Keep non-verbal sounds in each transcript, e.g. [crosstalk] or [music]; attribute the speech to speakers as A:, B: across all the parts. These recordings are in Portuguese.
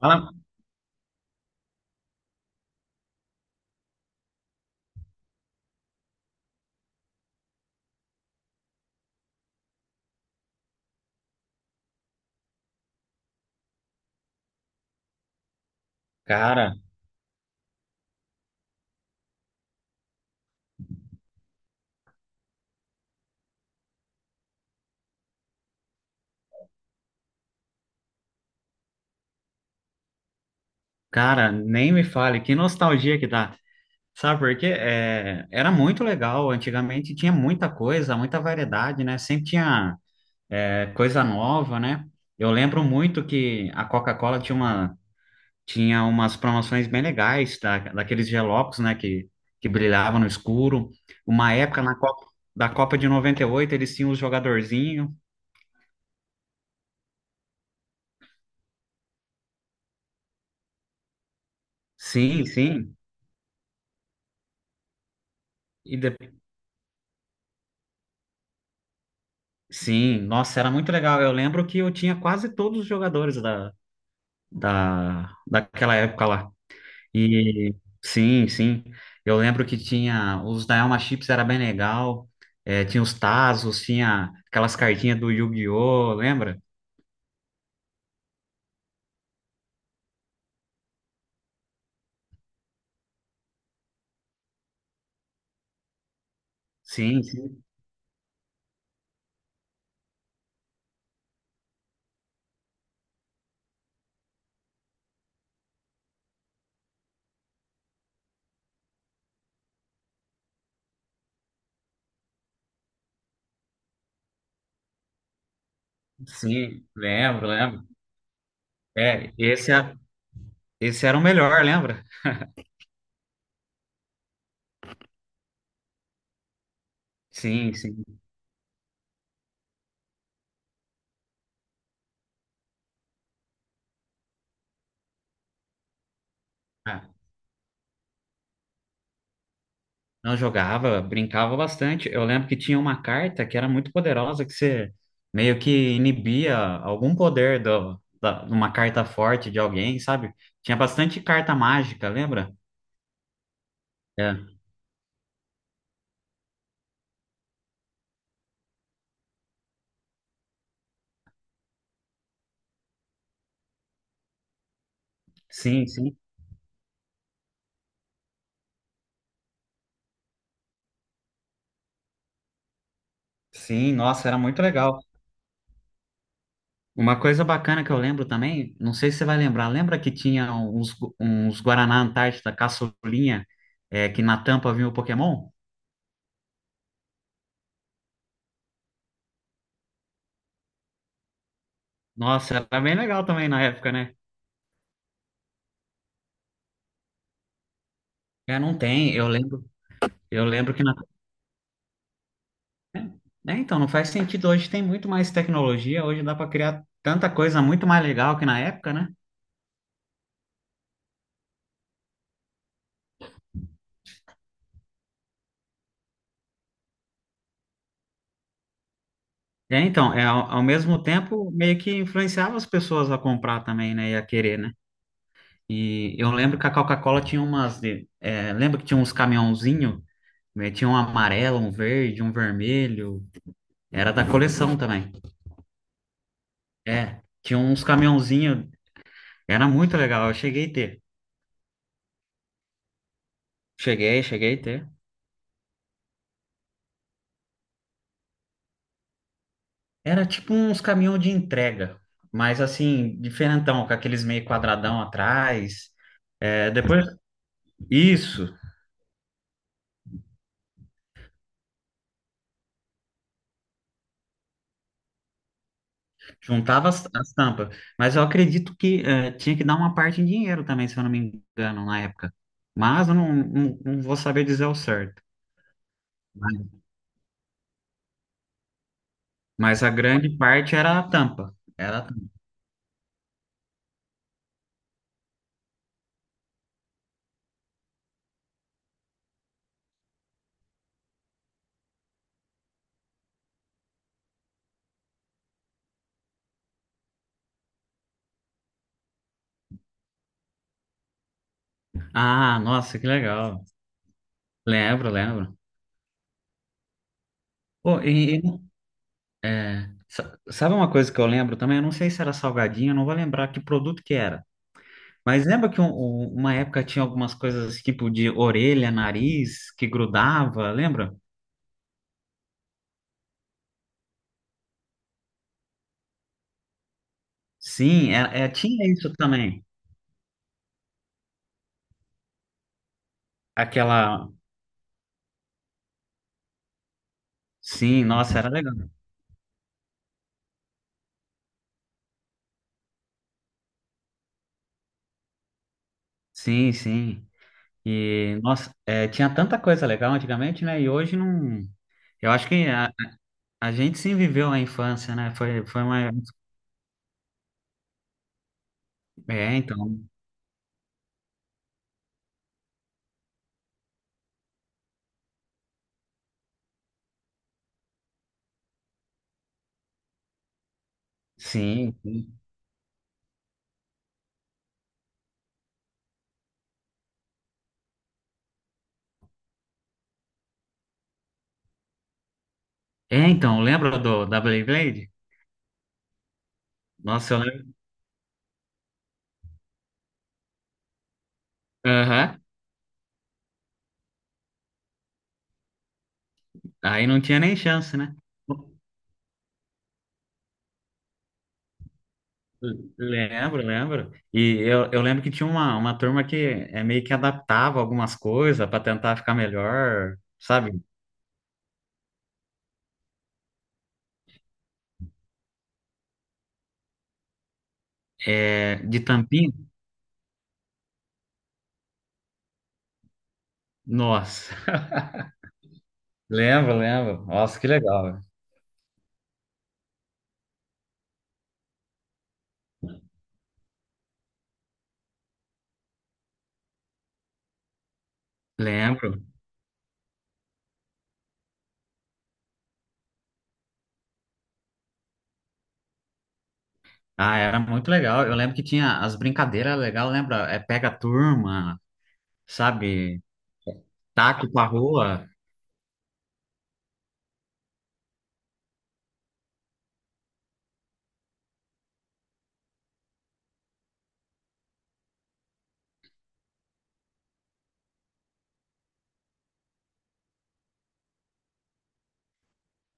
A: Fala, cara. Nem me fale, que nostalgia que dá. Sabe por quê? Era muito legal, antigamente tinha muita coisa, muita variedade, né? Sempre tinha coisa nova, né? Eu lembro muito que a Coca-Cola tinha uma, tinha umas promoções bem legais, daqueles gelocos, né? Que brilhavam no escuro. Uma época na Copa, da Copa de 98 eles tinham os jogadorzinhos. Sim, sim. E de- Sim, nossa, era muito legal. Eu lembro que eu tinha quase todos os jogadores daquela época lá. E sim, sim. Eu lembro que tinha os da Elma Chips, era bem legal. É, tinha os Tazos, tinha aquelas cartinhas do Yu-Gi-Oh! Lembra? Sim, sim, lembro, lembro. É, esse, é- Esse era o melhor, lembra? Sim, sim. Ah, não jogava, brincava bastante. Eu lembro que tinha uma carta que era muito poderosa, que você meio que inibia algum poder de uma carta forte de alguém, sabe? Tinha bastante carta mágica, lembra? É. Sim, sim. Sim, nossa, era muito legal. Uma coisa bacana que eu lembro também, não sei se você vai lembrar, lembra que tinha uns, uns Guaraná Antártida caçulinha, é, que na tampa vinha o Pokémon? Nossa, era bem legal também na época, né? É, não tem. Eu lembro que é, então, não faz sentido. Hoje tem muito mais tecnologia, hoje dá para criar tanta coisa muito mais legal que na época, né? É, então, é, ao mesmo tempo, meio que influenciava as pessoas a comprar também, né? E a querer, né? E eu lembro que a Coca-Cola tinha umas. É, lembra que tinha uns caminhãozinho, né? Tinha um amarelo, um verde, um vermelho. Era da coleção também. É, tinha uns caminhãozinho. Era muito legal. Eu cheguei a ter. Cheguei, cheguei a ter. Era tipo uns caminhão de entrega, mas assim, diferentão, com aqueles meio quadradão atrás. É, depois, isso, juntava as tampas. Mas eu acredito que é, tinha que dar uma parte em dinheiro também, se eu não me engano, na época. Mas eu não vou saber dizer o certo. Mas a grande parte era a tampa. Era a tampa. Ah, nossa, que legal. Lembro, lembro. Pô, e, e, é, sabe uma coisa que eu lembro também? Eu não sei se era salgadinho, eu não vou lembrar que produto que era. Mas lembra que uma época tinha algumas coisas tipo de orelha, nariz, que grudava, lembra? Sim, é, tinha isso também. Aquela. Sim, nossa, era legal. Sim, sim. E, nossa, é, tinha tanta coisa legal antigamente, né? E hoje não. Eu acho que a gente sim viveu a infância, né? Foi uma. É, então. Sim, sim. É, então, lembra da Beyblade? Nossa, eu lembro. Aham. Aí não tinha nem chance, né? Lembro, lembro. Eu lembro que tinha uma turma que é meio que adaptava algumas coisas para tentar ficar melhor, sabe? É, de tampinha. Nossa, [laughs] lembro, lembro. Nossa, que legal, velho. Lembro. Ah, era muito legal. Eu lembro que tinha as brincadeiras legais, lembra? É pega a turma, sabe? Taco pra rua.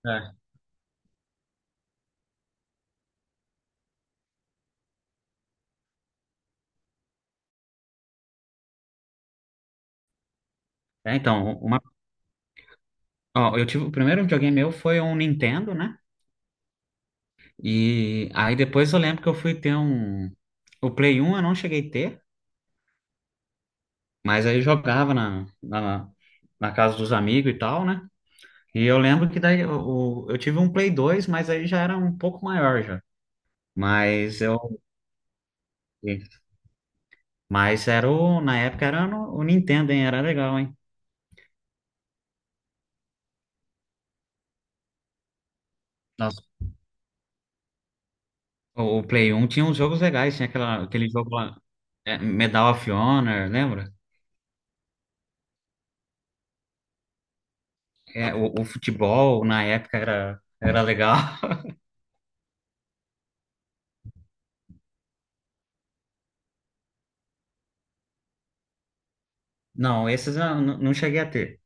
A: É, é, então, uma, ó, eu tive, o primeiro videogame meu foi um Nintendo, né? E aí depois eu lembro que eu fui ter um. O Play 1 eu não cheguei a ter, mas aí eu jogava na casa dos amigos e tal, né? E eu lembro que daí eu tive um Play dois, mas aí já era um pouco maior já. Mas eu. Mas era o. Na época era o Nintendo, hein? Era legal, hein? Nossa, o Play 1 tinha uns jogos legais, tinha aquela, aquele jogo lá, é, Medal of Honor, lembra? É, o futebol na época era, era legal. [laughs] Não, esses eu não cheguei a ter.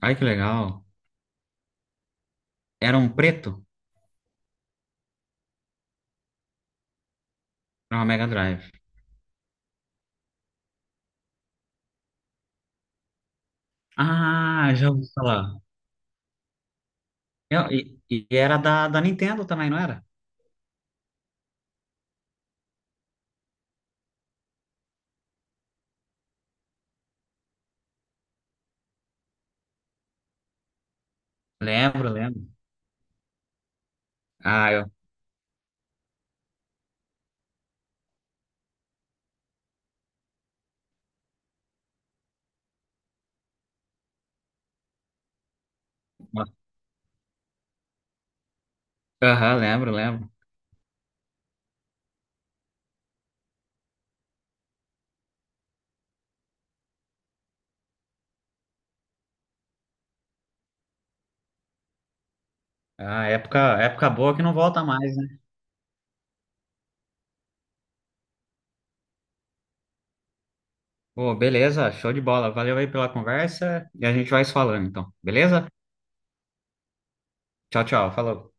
A: Ai, que legal. Era um preto? Era uma Mega Drive. Ah, já ouvi falar. E era da Nintendo também, não era? Lembro, lembro. Ah, eu. Aham, lembro, lembro. Ah, época, época boa que não volta mais, né? Pô, beleza, show de bola. Valeu aí pela conversa e a gente vai se falando, então. Beleza? Tchau, tchau. Falou.